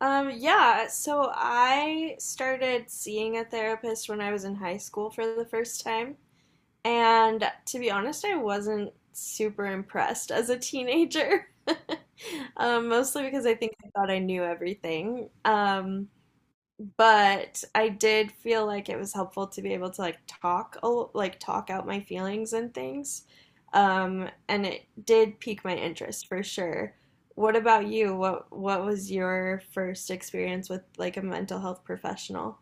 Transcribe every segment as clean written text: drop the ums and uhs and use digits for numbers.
Yeah, so I started seeing a therapist when I was in high school for the first time. And to be honest, I wasn't super impressed as a teenager. Mostly because I think I thought I knew everything. But I did feel like it was helpful to be able to like talk out my feelings and things. And it did pique my interest for sure. What about you? What was your first experience with like a mental health professional?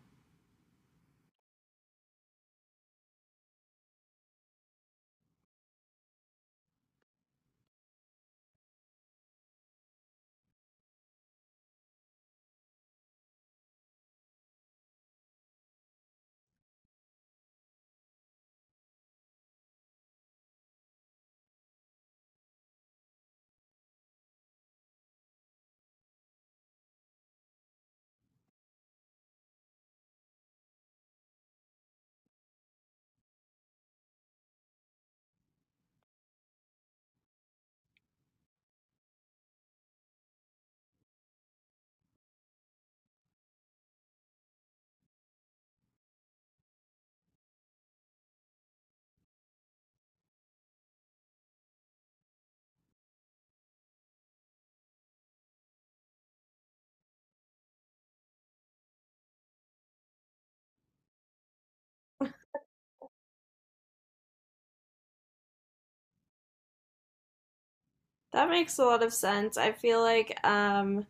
That makes a lot of sense. I feel like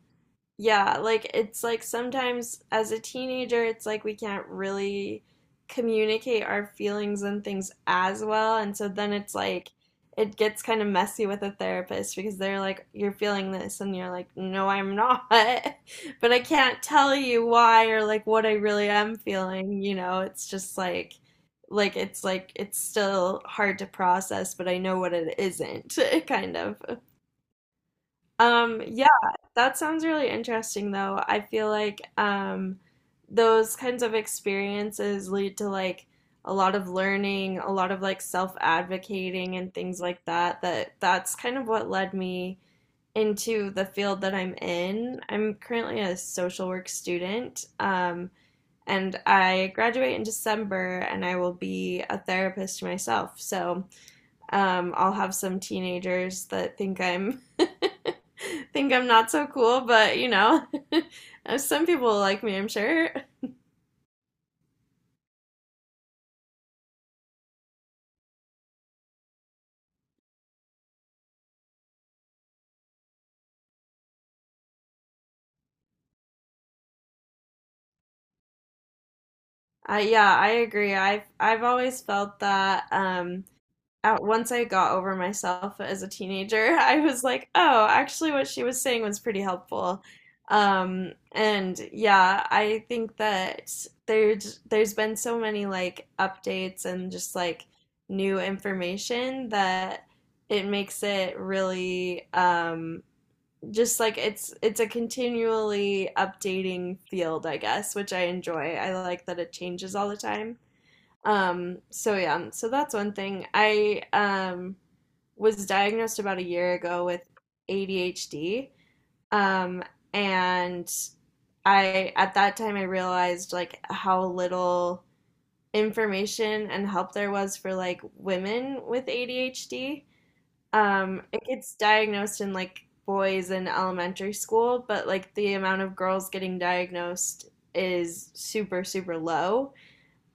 yeah, like it's like sometimes as a teenager, it's like we can't really communicate our feelings and things as well. And so then it's like it gets kind of messy with a therapist because they're like, you're feeling this, and you're like, no, I'm not. But I can't tell you why or what I really am feeling, you know? It's just like it's still hard to process, but I know what it isn't, kind of. Um, yeah, that sounds really interesting though. I feel like those kinds of experiences lead to like a lot of learning, a lot of like self-advocating and things like that that's kind of what led me into the field that I'm in. I'm currently a social work student. And I graduate in December and I will be a therapist myself. So I'll have some teenagers that think I'm think I'm not so cool, but you know, some people like me, I'm sure. Yeah, I agree. I've always felt that at once I got over myself as a teenager, I was like, oh, actually, what she was saying was pretty helpful. And yeah, I think that there's been so many like updates and just like new information that it makes it really just like it's a continually updating field, I guess, which I enjoy. I like that it changes all the time. So yeah, so that's one thing. I was diagnosed about a year ago with ADHD. Um, and I at that time I realized like how little information and help there was for like women with ADHD. It gets diagnosed in like boys in elementary school, but like the amount of girls getting diagnosed is super, super low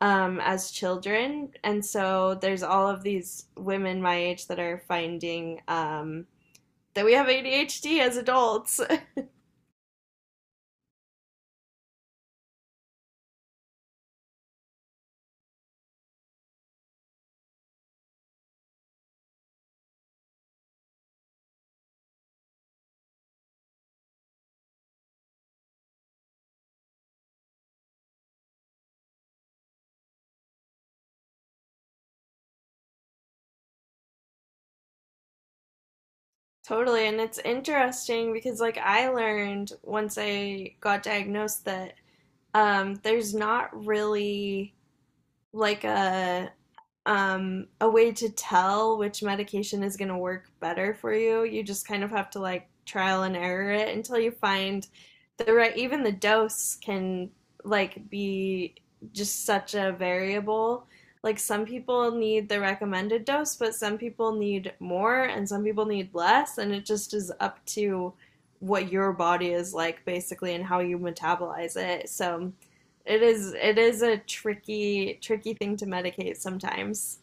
as children. And so there's all of these women my age that are finding that we have ADHD as adults. Totally. And it's interesting because, like, I learned once I got diagnosed that there's not really like a way to tell which medication is going to work better for you. You just kind of have to like trial and error it until you find the right, even the dose can like be just such a variable. Like some people need the recommended dose, but some people need more and some people need less. And it just is up to what your body is like basically and how you metabolize it. So it is a tricky thing to medicate sometimes.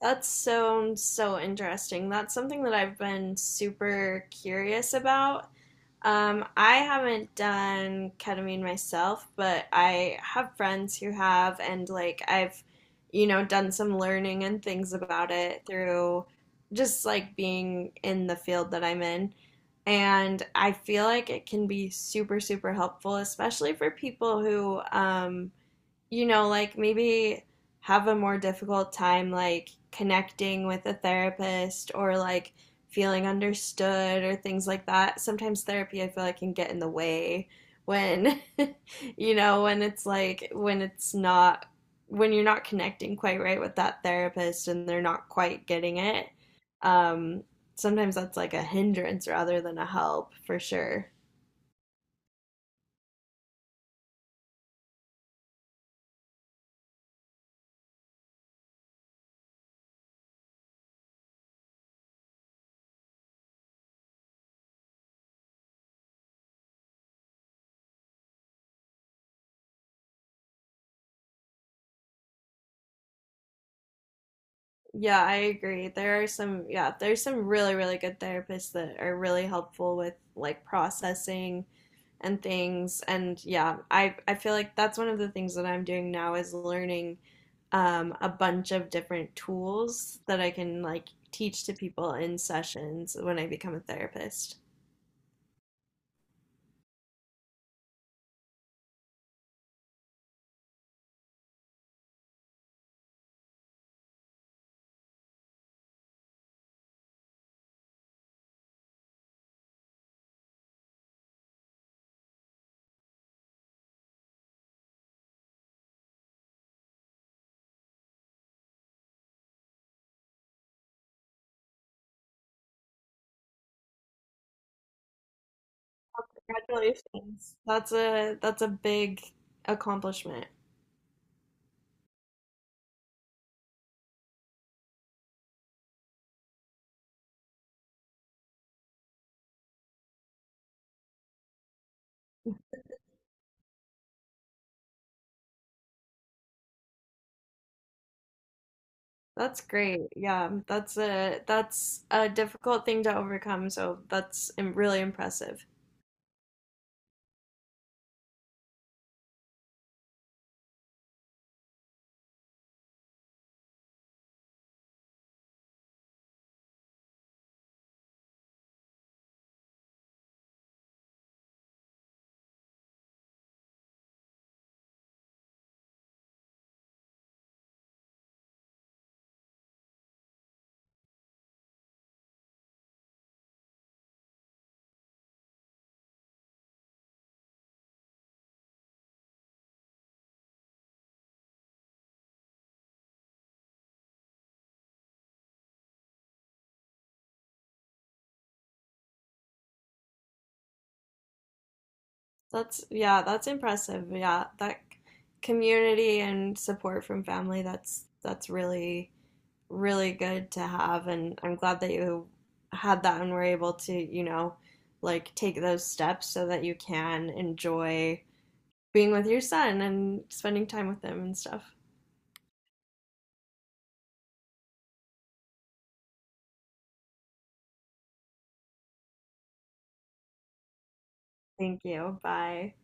That sounds so interesting. That's something that I've been super curious about. I haven't done ketamine myself, but I have friends who have, and like I've, done some learning and things about it through just like being in the field that I'm in. And I feel like it can be super, super helpful, especially for people who, like maybe have a more difficult time like connecting with a therapist or like feeling understood or things like that. Sometimes therapy, I feel like, can get in the way when, when it's like, when it's not, when you're not connecting quite right with that therapist and they're not quite getting it. Um, sometimes that's like a hindrance rather than a help for sure. Yeah, I agree. There are some, yeah, there's some really, really good therapists that are really helpful with like processing and things. And yeah, I feel like that's one of the things that I'm doing now is learning a bunch of different tools that I can like teach to people in sessions when I become a therapist. Congratulations. That's a big accomplishment. That's great. Yeah, that's a difficult thing to overcome, so that's really impressive. That's yeah, that's impressive. Yeah, community and support from family, that's really really good to have and I'm glad that you had that and were able to, you know, like take those steps so that you can enjoy being with your son and spending time with him and stuff. Thank you. Bye.